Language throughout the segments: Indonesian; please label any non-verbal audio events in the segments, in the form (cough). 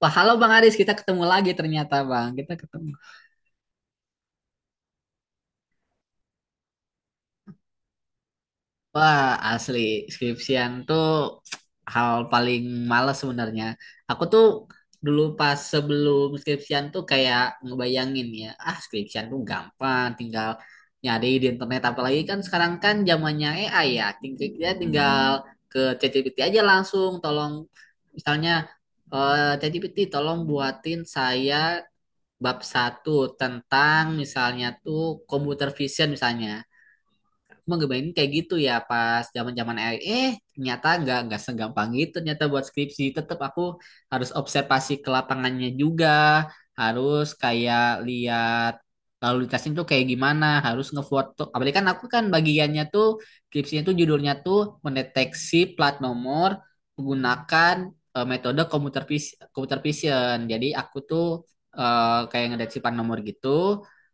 Wah, halo Bang Aris, kita ketemu lagi ternyata Bang. Kita ketemu. Wah, asli skripsian tuh hal paling males sebenarnya. Aku tuh dulu pas sebelum skripsian tuh kayak ngebayangin ya, ah skripsian tuh gampang, tinggal nyari di internet. Apalagi kan sekarang kan zamannya AI ya, tinggal kita ke ChatGPT aja langsung, tolong misalnya ChatGPT tolong buatin saya bab satu tentang misalnya tuh computer vision misalnya. Cuma ngebayangin kayak gitu ya pas zaman-zaman AI. Eh, ternyata nggak segampang gitu ternyata buat skripsi. Tetap aku harus observasi ke lapangannya juga. Harus kayak lihat lalu lintasnya tuh kayak gimana, harus ngefoto. Apalagi kan aku kan bagiannya tuh skripsinya tuh judulnya tuh mendeteksi plat nomor menggunakan metode computer vision. Jadi aku tuh kayak ngedeteksi plat nomor gitu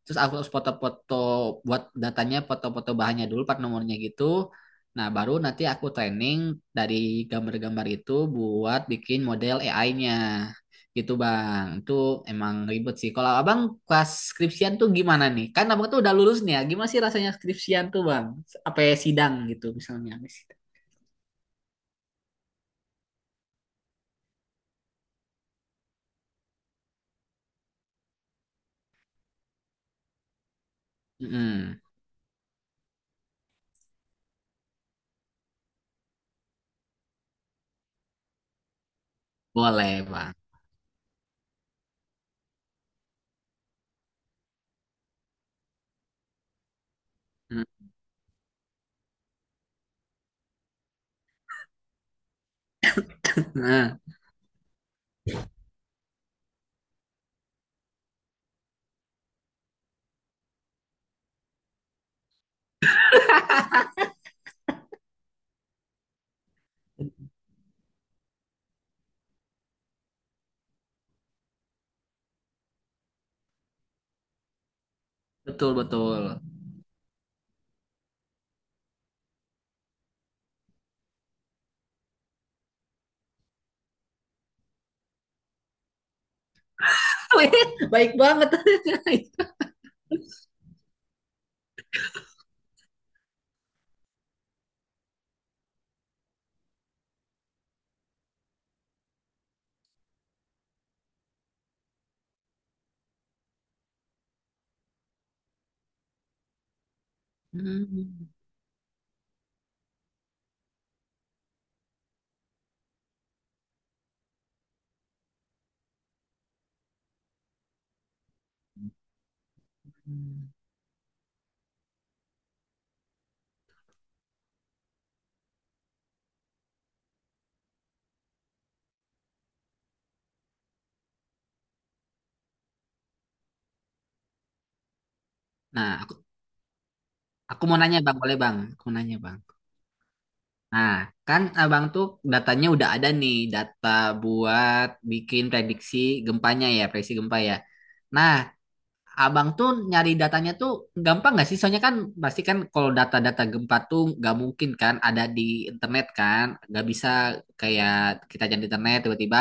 terus aku harus foto-foto buat datanya, foto-foto bahannya dulu part nomornya gitu. Nah, baru nanti aku training dari gambar-gambar itu buat bikin model AI-nya, gitu Bang. Itu emang ribet sih. Kalau Abang kelas skripsian tuh gimana nih? Kan Abang tuh udah lulus nih ya, gimana sih rasanya skripsian tuh Bang, apa ya, sidang gitu misalnya, habis sidang. Mm-mm. Boleh Bang. Nah, betul, betul. (laughs) Baik banget. (laughs) Hmm. Nah, aku. Aku mau nanya Bang, boleh Bang? Aku mau nanya Bang. Nah, kan Abang tuh datanya udah ada nih, data buat bikin prediksi gempanya ya, prediksi gempa ya. Nah, Abang tuh nyari datanya tuh gampang nggak sih? Soalnya kan pasti kan kalau data-data gempa tuh nggak mungkin kan ada di internet kan, nggak bisa kayak kita cari di internet tiba-tiba,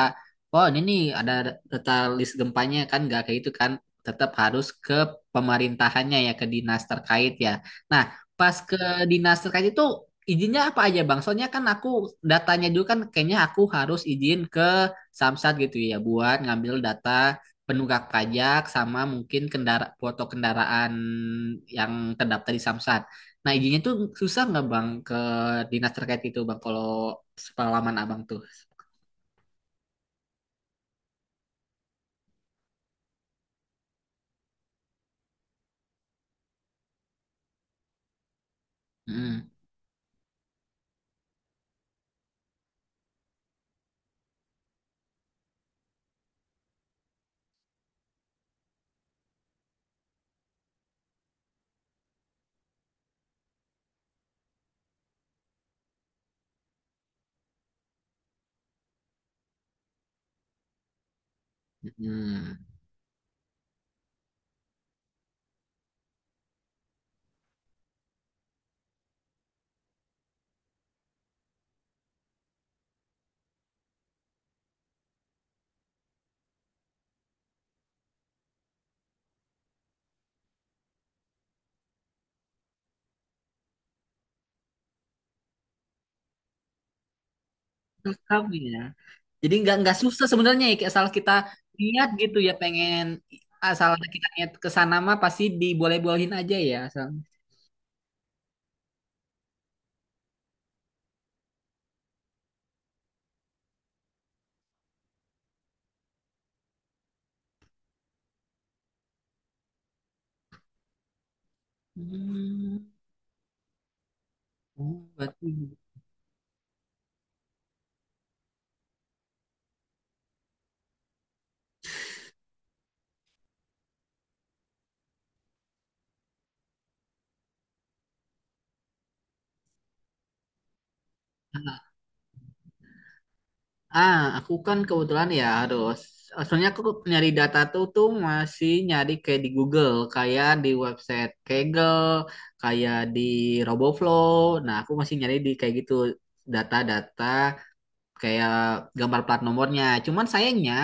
oh ini nih ada data list gempanya, kan nggak kayak itu kan, tetap harus ke pemerintahannya ya, ke dinas terkait ya. Nah, pas ke dinas terkait itu izinnya apa aja Bang? Soalnya kan aku datanya dulu kan kayaknya aku harus izin ke Samsat gitu ya, buat ngambil data penunggak pajak sama mungkin kendara, foto kendaraan yang terdaftar di Samsat. Nah, izinnya tuh susah nggak Bang ke dinas terkait itu Bang, kalau sepengalaman Abang tuh. Hmm. Hmm. Rekam ya. Jadi nggak susah sebenarnya ya, asal kita niat gitu ya, pengen, asal kita niat ke sana mah pasti diboleh-bolehin aja ya, asal. Hmm. Oh, berarti. Ah, aku kan kebetulan ya harus. Soalnya aku nyari data tuh tuh masih nyari kayak di Google, kayak di website Kaggle, kayak di RoboFlow. Nah, aku masih nyari di kayak gitu, data-data kayak gambar plat nomornya. Cuman sayangnya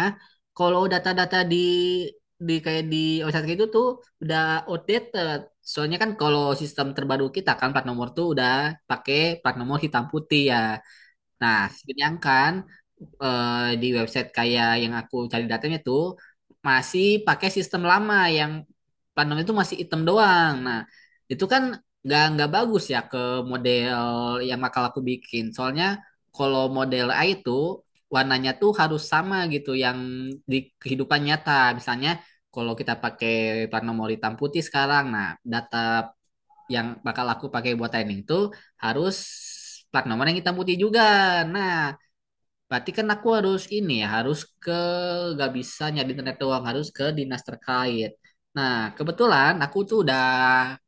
kalau data-data di kayak di website kayak gitu tuh udah outdated. Soalnya kan kalau sistem terbaru kita kan plat nomor tuh udah pakai plat nomor hitam putih ya. Nah, sedangkan di website kayak yang aku cari datanya tuh masih pakai sistem lama yang plat nomor itu masih hitam doang. Nah, itu kan nggak bagus ya ke model yang bakal aku bikin. Soalnya kalau model A itu warnanya tuh harus sama gitu yang di kehidupan nyata. Misalnya kalau kita pakai plat nomor hitam putih sekarang, nah, data yang bakal aku pakai buat training tuh harus plat nomor yang hitam putih juga. Nah, berarti kan aku harus ini ya, harus ke, gak bisa nyari internet doang, harus ke dinas terkait. Nah, kebetulan aku tuh udah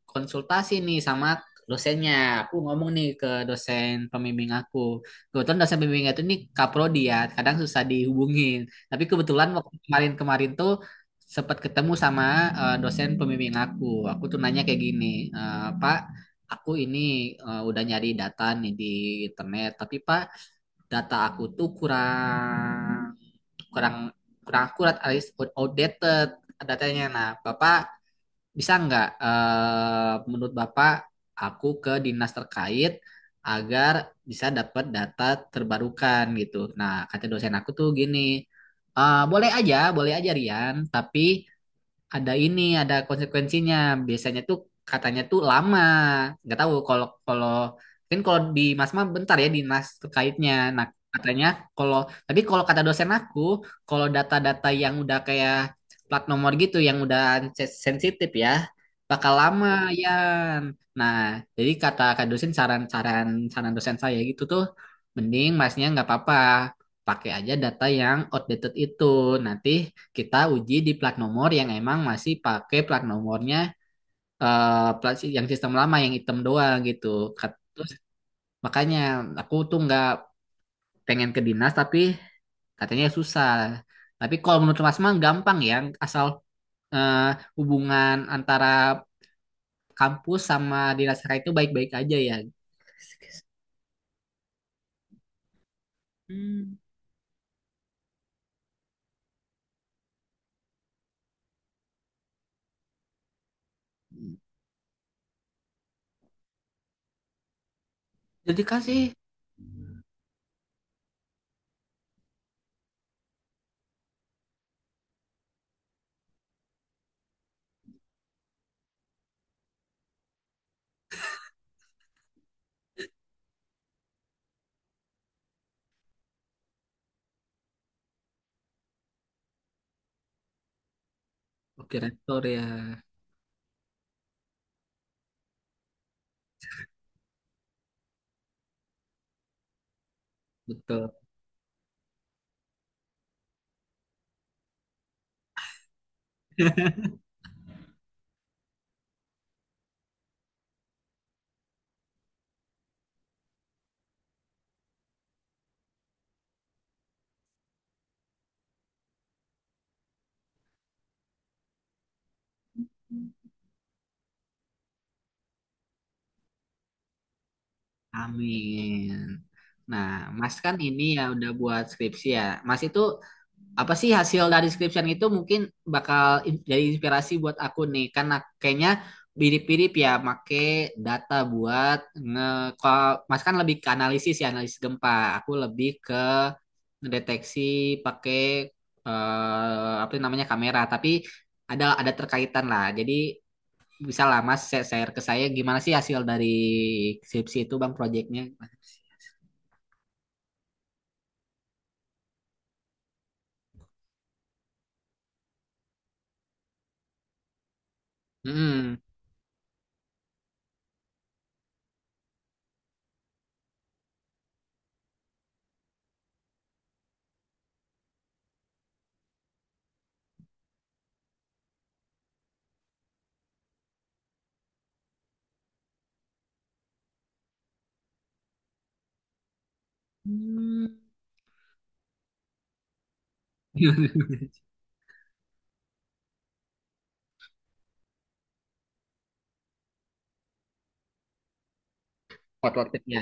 konsultasi nih sama dosennya. Aku ngomong nih ke dosen pembimbing aku. Kebetulan dosen pembimbing itu nih kaprodi ya, kadang susah dihubungin. Tapi kebetulan waktu kemarin-kemarin tuh sempat ketemu sama dosen pembimbing aku. Aku tuh nanya kayak gini, "Eh, Pak, aku ini udah nyari data nih di internet, tapi Pak, data aku tuh kurang, kurang kurang akurat, alias outdated datanya. Nah, Bapak bisa nggak, menurut Bapak aku ke dinas terkait agar bisa dapat data terbarukan gitu." Nah, kata dosen aku tuh gini, "Eh, boleh aja Rian, tapi ada ini, ada konsekuensinya. Biasanya tuh katanya tuh lama. Nggak tahu kalau kalau mungkin kalau di Masma bentar ya dinas terkaitnya." Nah, katanya kalau, tapi kalau kata dosen aku, kalau data-data yang udah kayak plat nomor gitu yang udah sensitif ya bakal lama ya. Nah, jadi kata kak dosen, saran dosen saya gitu tuh, mending masnya nggak apa-apa pakai aja data yang outdated itu. Nanti kita uji di plat nomor yang emang masih pakai plat nomornya eh, yang sistem lama yang hitam doang gitu. Terus makanya aku tuh nggak pengen ke dinas tapi katanya susah. Tapi kalau menurut Mas mah gampang ya, asal eh, hubungan antara kampus sama dinas raya itu baik-baik aja ya. Hmm, jadi kasih. Oke, rektor ya. Betul. Amin. Nah, Mas kan ini ya udah buat skripsi ya. Mas itu apa sih hasil dari skripsian itu, mungkin bakal in- jadi inspirasi buat aku nih. Karena kayaknya mirip-mirip ya make data buat nge, kalau Mas kan lebih ke analisis ya, analisis gempa. Aku lebih ke deteksi pakai apa namanya, kamera, tapi ada terkaitan lah. Jadi bisa lah Mas share share ke saya gimana sih hasil dari skripsi itu Bang, proyeknya. Mm-mm. Hmm. (laughs) Spot work tripnya.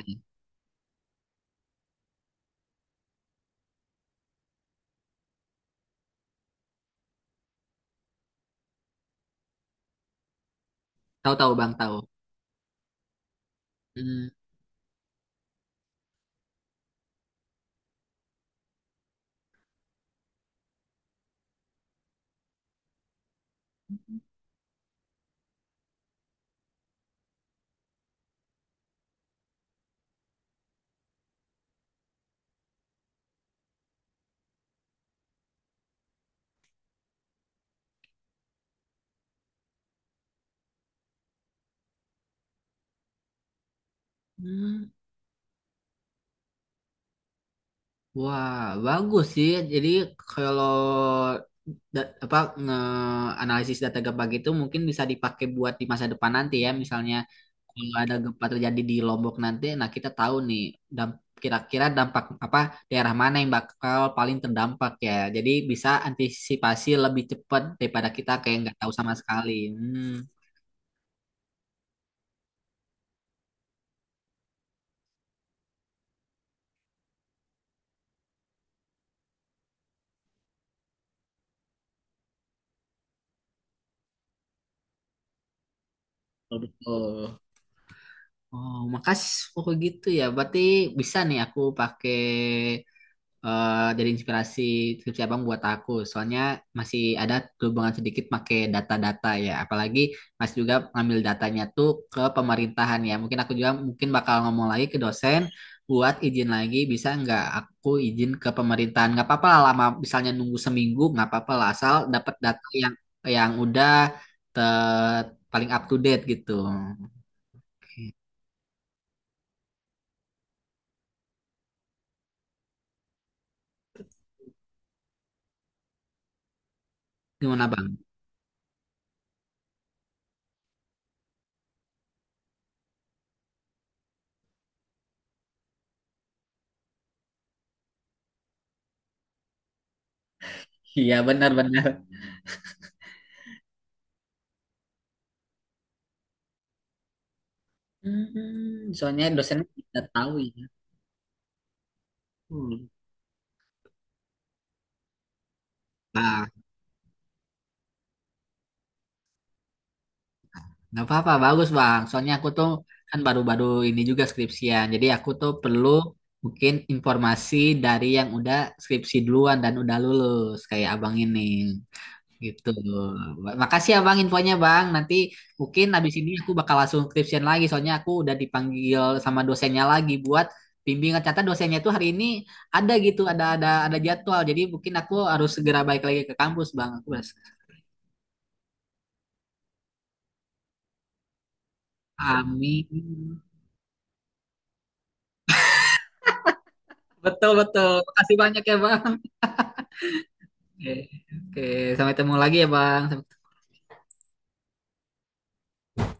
Tahu, tahu Bang, tahu. Mm. Hmm. Wah, bagus sih. Jadi kalau da- apa, nge-analisis data gempa gitu mungkin bisa dipakai buat di masa depan nanti ya. Misalnya kalau ada gempa terjadi di Lombok nanti, nah, kita tahu nih, damp- kira-kira dampak apa, daerah mana yang bakal paling terdampak ya. Jadi bisa antisipasi lebih cepat daripada kita kayak nggak tahu sama sekali. Hmm, betul. Oh, makasih. Oh, gitu ya. Berarti bisa nih aku pakai dari inspirasi skripsi Abang buat aku. Soalnya masih ada hubungan sedikit pakai data-data ya. Apalagi Mas juga ngambil datanya tuh ke pemerintahan ya. Mungkin aku juga mungkin bakal ngomong lagi ke dosen buat izin lagi. Bisa nggak aku izin ke pemerintahan? Nggak apa-apa lah lama. Misalnya nunggu seminggu nggak apa-apa lah. Asal dapat data yang udah ter, paling up to date gitu. Oke. Gimana Bang? Iya, benar-benar. Hmm, soalnya dosennya tidak tahu ya. Hmm. Nah, nggak apa-apa, bagus Bang. Soalnya aku tuh kan baru-baru ini juga skripsian, jadi aku tuh perlu mungkin informasi dari yang udah skripsi duluan dan udah lulus kayak Abang ini. Gitu. Makasih ya Bang, infonya Bang. Nanti mungkin habis ini aku bakal langsung skripsian lagi soalnya aku udah dipanggil sama dosennya lagi buat bimbingan. Ternyata dosennya tuh hari ini ada gitu, ada jadwal. Jadi mungkin aku harus segera balik lagi ke kampus Bang. Aku harus-. Amin. Betul, betul. Makasih banyak ya Bang. Oke, oke. Sampai ketemu lagi ya Bang.